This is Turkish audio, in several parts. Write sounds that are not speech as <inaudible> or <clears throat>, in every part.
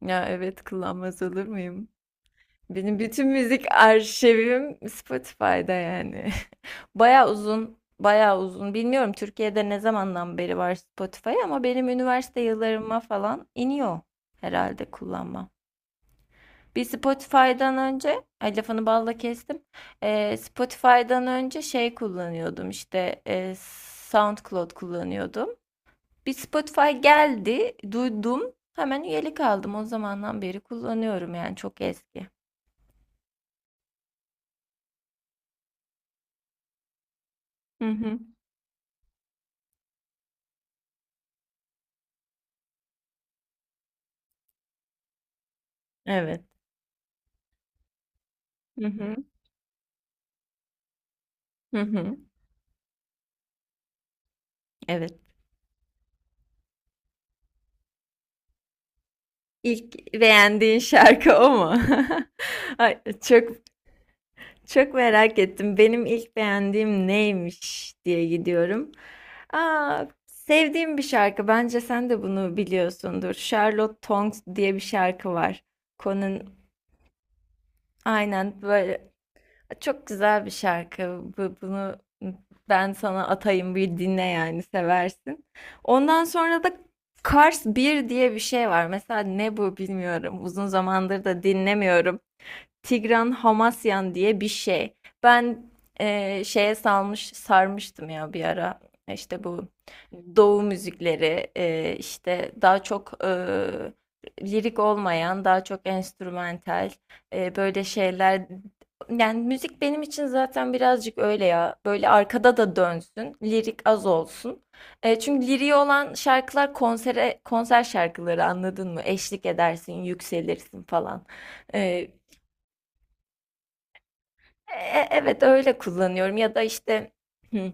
Ya evet, kullanmaz olur muyum? Benim bütün müzik arşivim Spotify'da yani. <laughs> Baya uzun, baya uzun. Bilmiyorum Türkiye'de ne zamandan beri var Spotify, ama benim üniversite yıllarıma falan iniyor herhalde kullanma. Bir Spotify'dan önce, ay lafını balla kestim. Spotify'dan önce şey kullanıyordum işte, SoundCloud kullanıyordum. Bir Spotify geldi, duydum. Hemen üyelik aldım. O zamandan beri kullanıyorum, yani çok eski. Hı hı. Evet. Hı hı. Hı hı. Evet. İlk beğendiğin şarkı o mu? <laughs> Ay, çok çok merak ettim. Benim ilk beğendiğim neymiş diye gidiyorum. Aa, sevdiğim bir şarkı. Bence sen de bunu biliyorsundur. Charlotte Tongs diye bir şarkı var. Conan, aynen böyle. Çok güzel bir şarkı. Bunu ben sana atayım, bir dinle, yani seversin. Ondan sonra da Kars bir diye bir şey var. Mesela ne bu, bilmiyorum. Uzun zamandır da dinlemiyorum. Tigran Hamasyan diye bir şey. Ben şeye salmış sarmıştım ya bir ara. İşte bu Doğu müzikleri, işte daha çok, lirik olmayan, daha çok enstrümantal, böyle şeyler. Yani müzik benim için zaten birazcık öyle ya. Böyle arkada da dönsün, lirik az olsun. Çünkü liriği olan şarkılar konser şarkıları, anladın mı? Eşlik edersin, yükselirsin falan. E, e- Evet, öyle kullanıyorum ya da işte, hı,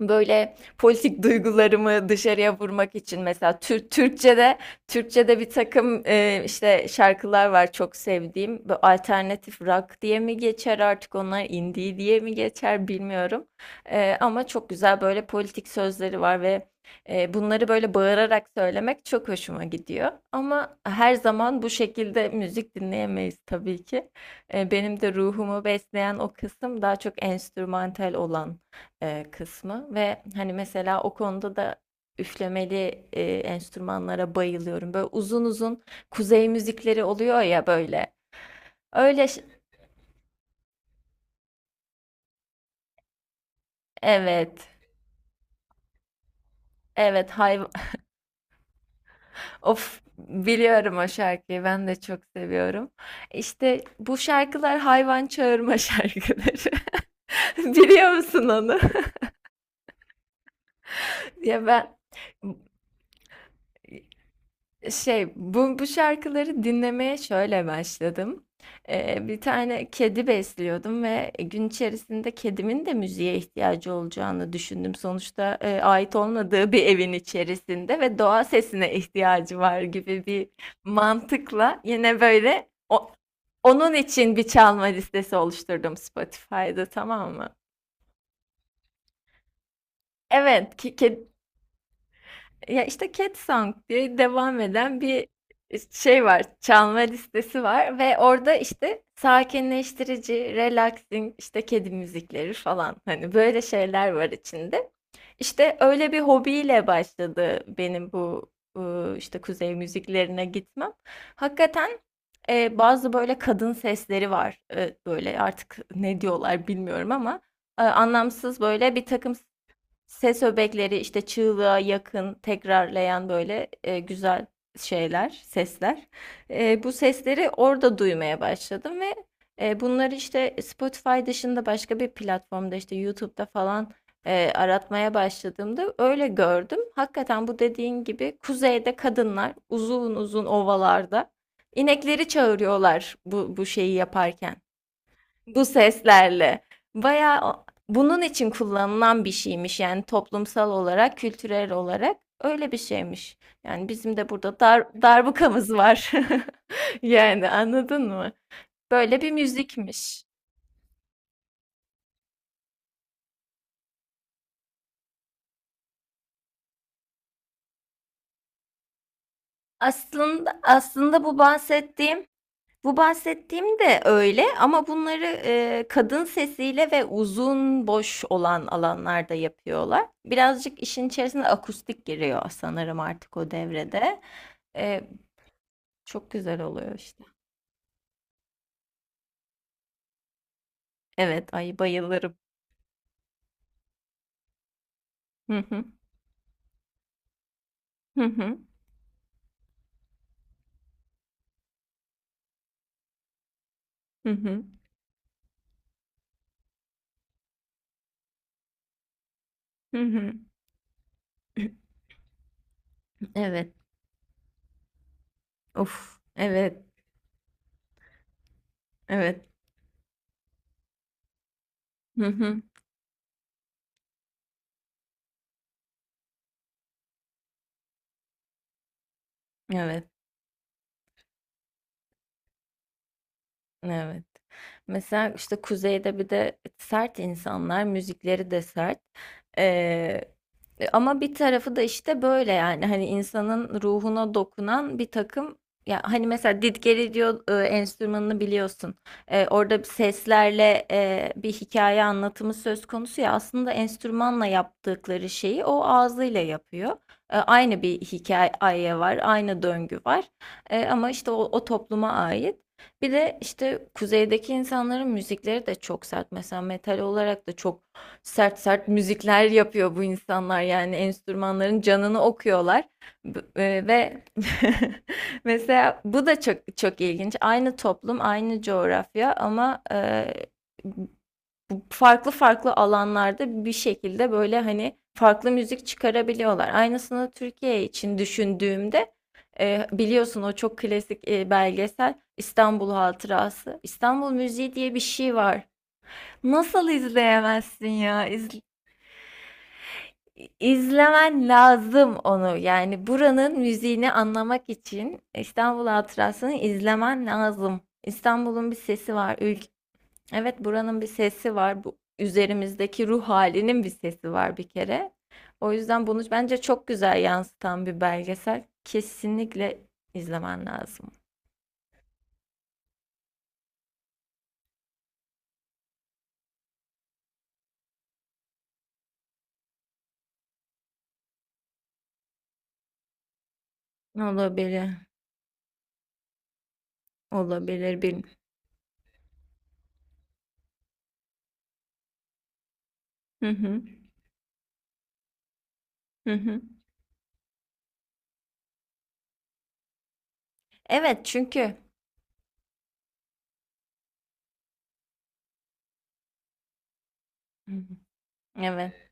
böyle politik duygularımı dışarıya vurmak için mesela Türkçe'de bir takım, işte şarkılar var çok sevdiğim. Bu alternatif rock diye mi geçer artık, onlar indie diye mi geçer, bilmiyorum. Ama çok güzel böyle politik sözleri var, ve bunları böyle bağırarak söylemek çok hoşuma gidiyor. Ama her zaman bu şekilde müzik dinleyemeyiz tabii ki. Benim de ruhumu besleyen o kısım daha çok enstrümantal olan kısmı, ve hani mesela o konuda da üflemeli enstrümanlara bayılıyorum. Böyle uzun uzun kuzey müzikleri oluyor ya böyle. Öyle ş- evet. Evet. <laughs> Of, biliyorum o şarkıyı. Ben de çok seviyorum. İşte bu şarkılar hayvan çağırma şarkıları. <laughs> Biliyor musun onu? <laughs> Ya ben Bu şarkıları dinlemeye şöyle başladım. Bir tane kedi besliyordum, ve gün içerisinde kedimin de müziğe ihtiyacı olacağını düşündüm. Sonuçta, ait olmadığı bir evin içerisinde ve doğa sesine ihtiyacı var gibi bir mantıkla, yine böyle onun için bir çalma listesi oluşturdum Spotify'da, tamam mı? Evet. Ya işte Cat Song diye devam eden bir, şey var, çalma listesi var, ve orada işte sakinleştirici, relaxing, işte kedi müzikleri falan, hani böyle şeyler var içinde. İşte öyle bir hobiyle başladı benim bu işte kuzey müziklerine gitmem. Hakikaten, bazı böyle kadın sesleri var. Böyle artık ne diyorlar bilmiyorum, ama anlamsız böyle bir takım ses öbekleri işte, çığlığa yakın tekrarlayan böyle güzel şeyler, sesler. Bu sesleri orada duymaya başladım, ve bunları işte Spotify dışında başka bir platformda, işte YouTube'da falan aratmaya başladığımda öyle gördüm. Hakikaten, bu dediğin gibi kuzeyde kadınlar uzun uzun ovalarda inekleri çağırıyorlar bu şeyi yaparken. Bu seslerle. Bayağı bunun için kullanılan bir şeymiş, yani toplumsal olarak, kültürel olarak öyle bir şeymiş. Yani bizim de burada darbukamız var. <laughs> Yani, anladın mı? Böyle bir müzikmiş. Aslında bu bahsettiğim de öyle, ama bunları kadın sesiyle ve uzun boş olan alanlarda yapıyorlar. Birazcık işin içerisine akustik giriyor sanırım artık o devrede. E, Çok güzel oluyor işte. Evet, ay bayılırım. Hı hı. Hı hı. Hı hı. Hı hı. <clears throat> Evet. Of. Evet. Evet. Hı hı. Evet. Evet. Mesela işte kuzeyde bir de sert insanlar, müzikleri de sert. Ee, Ama bir tarafı da işte böyle, yani hani insanın ruhuna dokunan bir takım, ya hani mesela didgeri diyor enstrümanını biliyorsun. Orada bir seslerle, bir hikaye anlatımı söz konusu ya, aslında enstrümanla yaptıkları şeyi o ağzıyla yapıyor. Aynı bir hikaye var, aynı döngü var. Ama işte o topluma ait. Bir de işte kuzeydeki insanların müzikleri de çok sert. Mesela metal olarak da çok sert sert müzikler yapıyor bu insanlar, yani enstrümanların canını okuyorlar. Ve <laughs> mesela bu da çok çok ilginç, aynı toplum, aynı coğrafya, ama bu farklı farklı alanlarda bir şekilde böyle hani farklı müzik çıkarabiliyorlar. Aynısını Türkiye için düşündüğümde, biliyorsun o çok klasik belgesel İstanbul Hatırası, İstanbul müziği diye bir şey var. Nasıl izleyemezsin ya? İzlemen lazım onu. Yani buranın müziğini anlamak için İstanbul Hatırası'nı izlemen lazım. İstanbul'un bir sesi var. Ülk. Evet, buranın bir sesi var. Bu üzerimizdeki ruh halinin bir sesi var bir kere. O yüzden bunu bence çok güzel yansıtan bir belgesel. Kesinlikle izlemen lazım. Olabilir. Olabilir. Bilmiyorum. Hı hı. Hı hı. Evet, çünkü. Hı hı. Evet.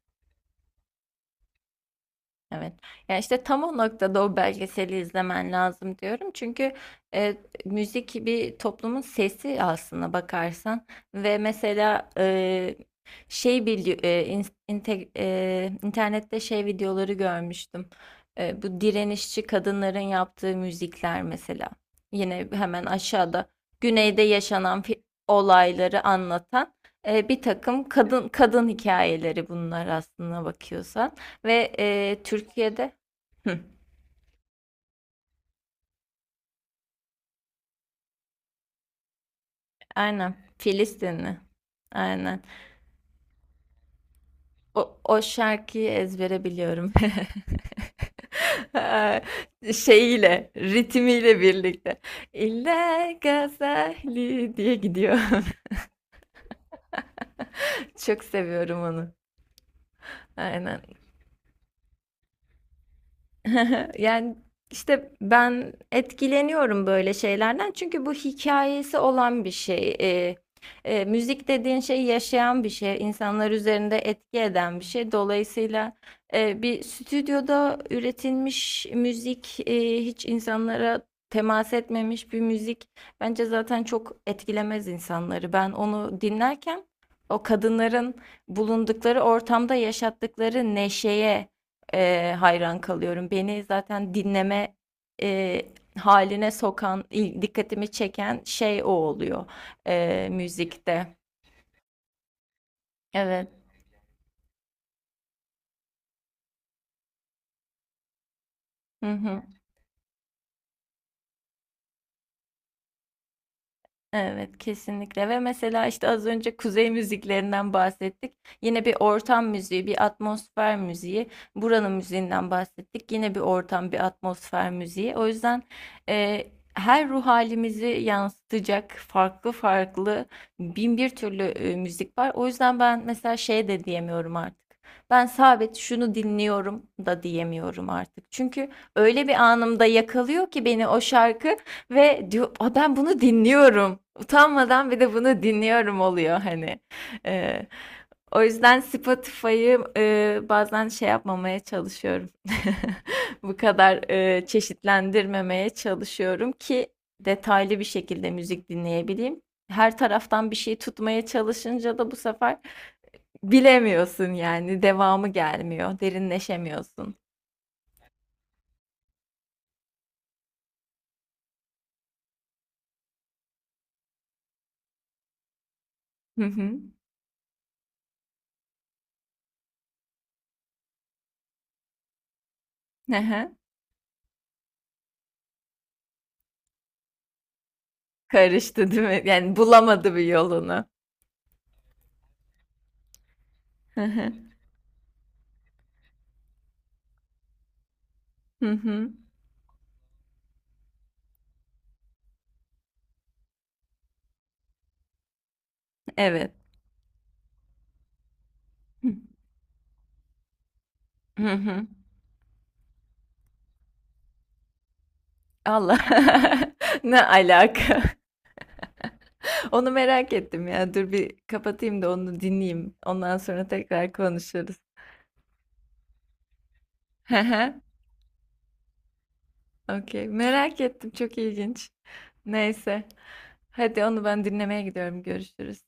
Evet. Ya işte tam o noktada o belgeseli izlemen lazım diyorum. Çünkü e, müzik bir toplumun sesi aslında bakarsan, ve mesela e, şey bili e, in- inte- e, internette şey videoları görmüştüm. Bu direnişçi kadınların yaptığı müzikler mesela. Yine hemen aşağıda, güneyde yaşanan olayları anlatan bir takım kadın kadın hikayeleri, bunlar aslında bakıyorsan. Ve Türkiye'de. Hı, aynen, Filistinli. Aynen. O şarkıyı ezbere biliyorum. <laughs> Ha, şeyiyle, ritmiyle birlikte. İlla Gazali diye gidiyor. <laughs> Çok seviyorum onu. Aynen. <laughs> Yani işte ben etkileniyorum böyle şeylerden, çünkü bu hikayesi olan bir şey. Müzik dediğin şey yaşayan bir şey, insanlar üzerinde etki eden bir şey. Dolayısıyla, bir stüdyoda üretilmiş müzik, hiç insanlara temas etmemiş bir müzik bence zaten çok etkilemez insanları. Ben onu dinlerken, o kadınların bulundukları ortamda yaşattıkları neşeye hayran kalıyorum. Beni zaten dinleme e, haline sokan, dikkatimi çeken şey o oluyor müzikte. Evet. Hı hı. Evet, kesinlikle, ve mesela işte az önce kuzey müziklerinden bahsettik. Yine bir ortam müziği, bir atmosfer müziği. Buranın müziğinden bahsettik. Yine bir ortam, bir atmosfer müziği. O yüzden e, her ruh halimizi yansıtacak farklı farklı bin bir türlü müzik var. O yüzden ben mesela şey de diyemiyorum artık. Ben sabit şunu dinliyorum da diyemiyorum artık. Çünkü öyle bir anımda yakalıyor ki beni o şarkı. Ve diyor, "Aa, ben bunu dinliyorum. Utanmadan bir de bunu dinliyorum" oluyor hani. Ee, O yüzden Spotify'ı bazen şey yapmamaya çalışıyorum. <laughs> Bu kadar çeşitlendirmemeye çalışıyorum ki, detaylı bir şekilde müzik dinleyebileyim. Her taraftan bir şey tutmaya çalışınca da bu sefer bilemiyorsun, yani devamı gelmiyor, derinleşemiyorsun. Hı hı. Hı hı. Karıştı değil mi? Yani bulamadı bir yolunu. Hı hı. Hı hı. Evet. Hı hı. Allah. <laughs> Ne alaka? <laughs> Onu merak ettim ya. Dur bir kapatayım da onu dinleyeyim. Ondan sonra tekrar konuşuruz. Hı hı. Okey. Merak ettim. Çok ilginç. Neyse. Hadi onu ben dinlemeye gidiyorum. Görüşürüz.